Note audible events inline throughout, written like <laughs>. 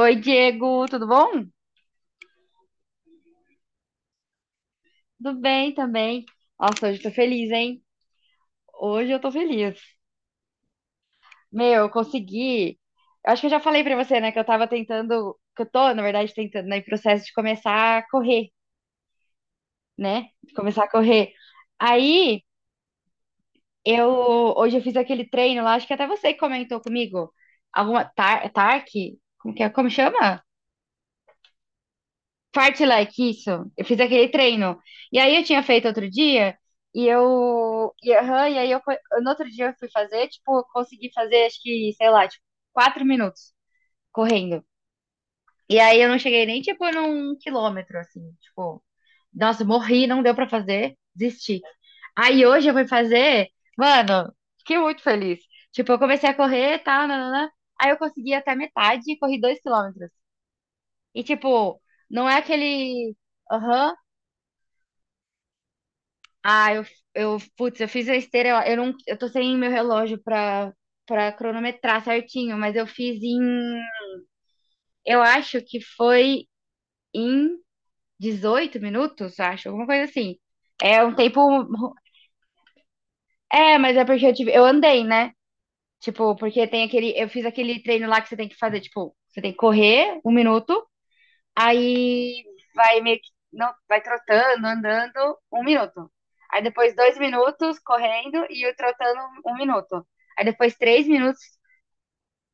Oi, Diego, tudo bom? Tudo bem também. Nossa, hoje eu tô feliz, hein? Hoje eu tô feliz. Meu, eu consegui. Eu acho que eu já falei pra você, né, que eu tava tentando, que eu tô, na verdade, tentando, né, em processo de começar a correr, né? De começar a correr. Aí, eu hoje eu fiz aquele treino lá, acho que até você que comentou comigo. Alguma TARC, como que é? Como chama? Parte like isso. Eu fiz aquele treino. E aí eu tinha feito outro dia, e eu. E, aham, e aí eu, no outro dia eu fui fazer, tipo, eu consegui fazer, acho que, sei lá, tipo, 4 minutos correndo. E aí eu não cheguei nem, tipo, num quilômetro, assim, tipo, nossa, morri, não deu pra fazer, desisti. Aí hoje eu fui fazer, mano, fiquei muito feliz. Tipo, eu comecei a correr e tal, nananã. Aí eu consegui até metade e corri 2 quilômetros. E, tipo, não é aquele. Aham, ah, eu, putz, eu fiz a esteira, eu não, eu tô sem meu relógio pra, pra cronometrar certinho, mas eu fiz em, eu acho que foi em 18 minutos, acho, alguma coisa assim. É um tempo, é, mas é porque eu tive, eu andei, né? Tipo, porque tem aquele, eu fiz aquele treino lá que você tem que fazer, tipo, você tem que correr um minuto, aí vai meio que não, vai trotando, andando um minuto. Aí depois 2 minutos correndo e eu trotando um minuto. Aí depois 3 minutos.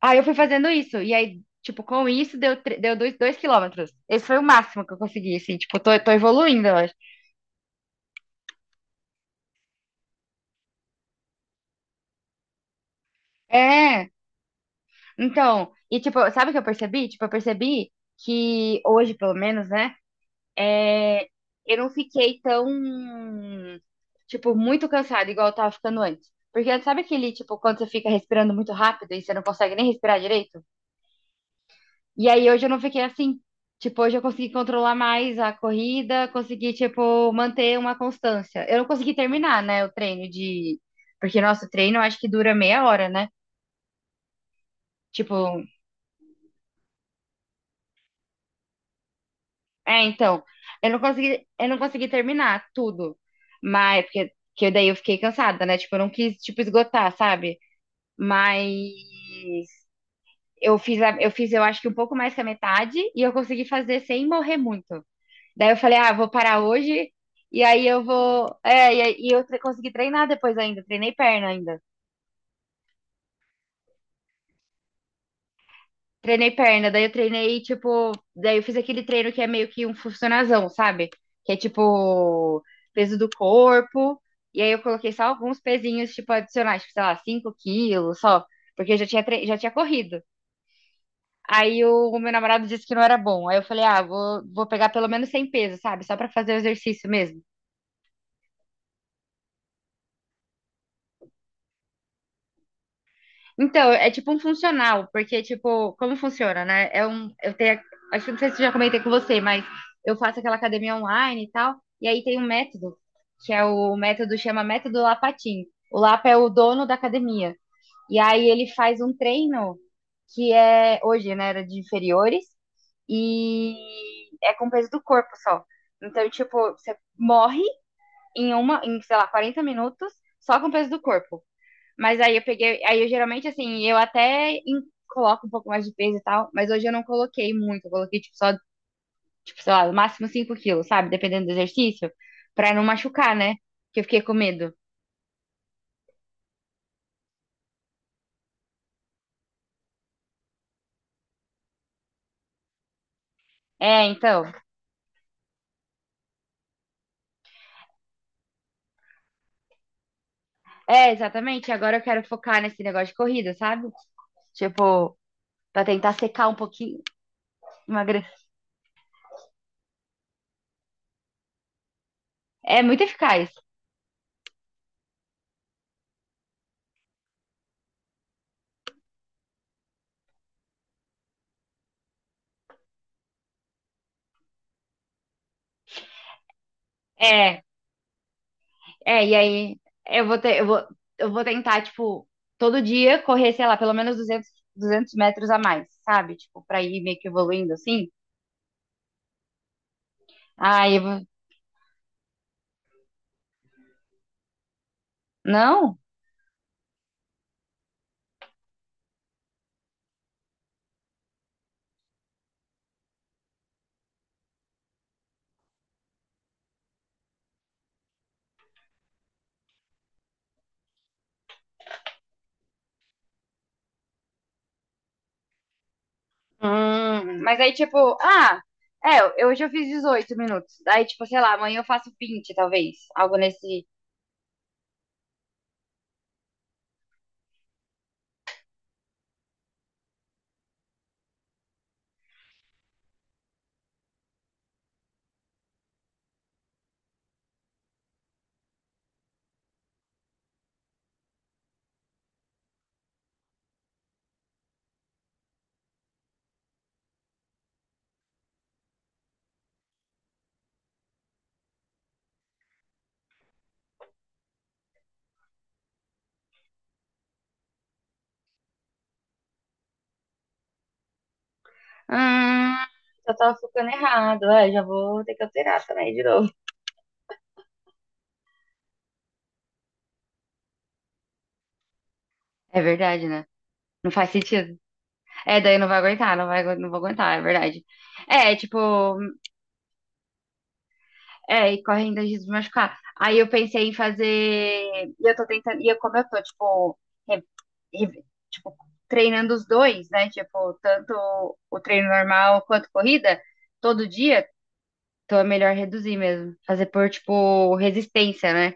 Aí eu fui fazendo isso. E aí, tipo, com isso deu, deu 2 quilômetros. Esse foi o máximo que eu consegui, assim. Tipo, tô evoluindo, eu acho. É, então. E tipo, sabe o que eu percebi? Tipo, eu percebi que hoje, pelo menos, né? É, eu não fiquei tão, tipo, muito cansada, igual eu tava ficando antes. Porque sabe aquele, tipo, quando você fica respirando muito rápido e você não consegue nem respirar direito? E aí hoje eu não fiquei assim. Tipo, hoje eu consegui controlar mais a corrida, consegui, tipo, manter uma constância. Eu não consegui terminar, né, o treino de... Porque nosso treino eu acho que dura meia hora, né? Tipo, é, então, eu não consegui terminar tudo. Mas, porque que daí eu fiquei cansada, né? Tipo, eu não quis, tipo, esgotar, sabe? Mas eu fiz, eu fiz, eu acho que um pouco mais que a metade e eu consegui fazer sem morrer muito. Daí eu falei, ah, vou parar hoje e aí eu vou. É, e, e eu consegui treinar depois ainda. Treinei perna, daí eu treinei, tipo, daí eu fiz aquele treino que é meio que um funcionazão, sabe? Que é tipo peso do corpo, e aí eu coloquei só alguns pezinhos, tipo, adicionais, tipo, sei lá, 5 quilos só, porque eu já tinha, já tinha corrido. Aí o meu namorado disse que não era bom. Aí eu falei, ah, vou pegar pelo menos 100 pesos, sabe? Só pra fazer o exercício mesmo. Então, é tipo um funcional, porque, tipo, como funciona, né? É um, eu tenho, acho que não sei se eu já comentei com você, mas eu faço aquela academia online e tal, e aí tem um método, que é o método, chama método Lapatin. O Lapa é o dono da academia. E aí ele faz um treino que é, hoje, né, era de inferiores, e é com peso do corpo só. Então, tipo, você morre em uma, em, sei lá, 40 minutos só com peso do corpo. Mas aí eu peguei, aí eu geralmente assim, eu até coloco um pouco mais de peso e tal, mas hoje eu não coloquei muito, eu coloquei tipo só, tipo, sei lá, no máximo 5 quilos, sabe? Dependendo do exercício, pra não machucar, né? Que eu fiquei com medo. É, então. É, exatamente. Agora eu quero focar nesse negócio de corrida, sabe? Tipo, pra tentar secar um pouquinho, emagrecer. É muito eficaz. É, é, e aí eu vou ter, eu vou tentar, tipo, todo dia correr, sei lá, pelo menos 200 metros a mais, sabe? Tipo, pra ir meio que evoluindo assim. Aí eu vou... Não? Mas aí, tipo, ah, é, hoje eu fiz 18 minutos. Aí, tipo, sei lá, amanhã eu faço 20 talvez. Algo nesse. Hum, eu tava ficando errado. É, já vou ter que alterar também de novo. É verdade, né? Não faz sentido. É, daí não vai aguentar, não vou aguentar, é verdade. É, tipo, é, e corre ainda risco se machucar. Aí eu pensei em fazer. E eu tô tentando. E eu, como eu tô, tipo, re- re- tipo, treinando os dois, né? Tipo, tanto o treino normal quanto corrida, todo dia, então é melhor reduzir mesmo. Fazer por, tipo, resistência, né?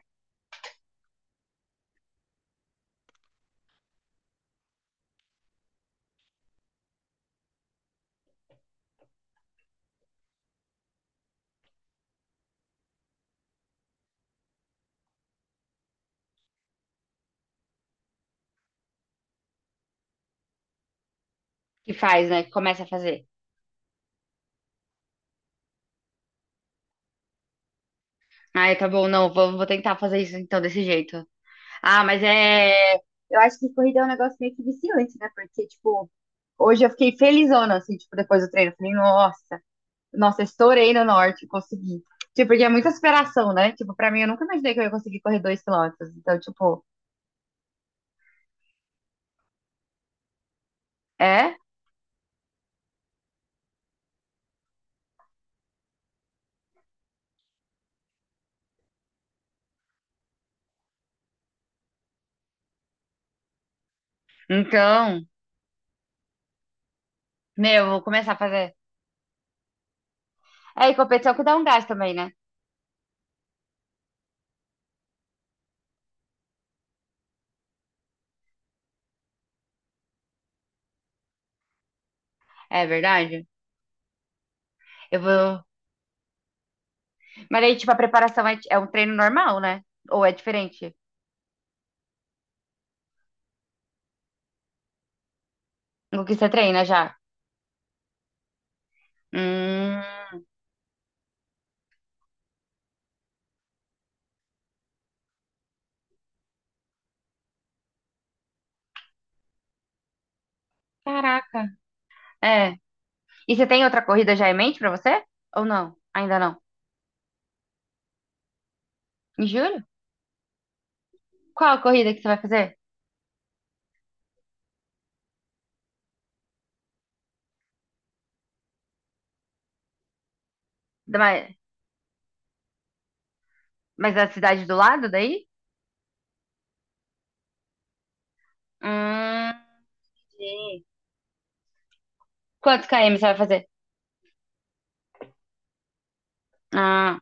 Que faz, né? Que começa a fazer. Ai, tá bom, não, vou tentar fazer isso então desse jeito. Ah, mas é. Eu acho que corrida é um negócio meio que viciante, né? Porque, tipo, hoje eu fiquei felizona, assim, tipo, depois do treino. Eu falei, nossa. Nossa, eu estourei no norte, consegui. Tipo, porque é muita superação, né? Tipo, pra mim, eu nunca imaginei que eu ia conseguir correr 2 quilômetros. Então, tipo, é? Então, meu, eu vou começar a fazer. É, e competição que dá um gás também, né? É verdade. Eu vou. Mas aí, tipo, a preparação é, é um treino normal, né? Ou é diferente do que você treina já? Hum, caraca. É. E você tem outra corrida já em mente pra você? Ou não? Ainda não? Em julho? Qual a corrida que você vai fazer? Da- Mas da cidade do lado daí? Ah, entendi. Quantos km você vai fazer? Ah,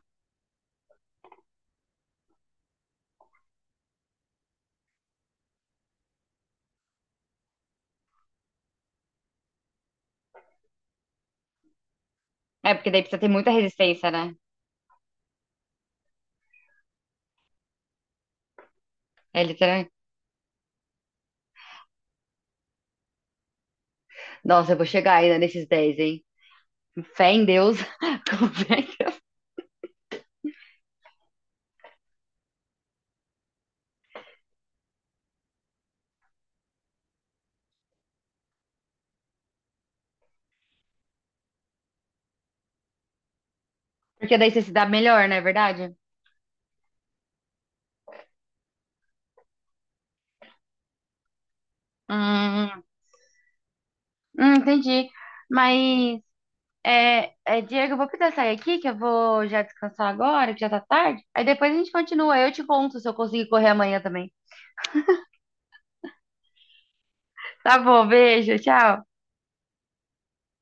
é porque daí precisa ter muita resistência, né? É literalmente. Nossa, eu vou chegar ainda nesses 10, hein? Fé em Deus. <laughs> Com fé em Deus. Porque daí você se dá melhor, não é verdade? Hum, entendi. Mas, é, Diego, eu vou precisar sair aqui, que eu vou já descansar agora, que já tá tarde. Aí depois a gente continua. Eu te conto se eu conseguir correr amanhã também. Tá bom, beijo, tchau.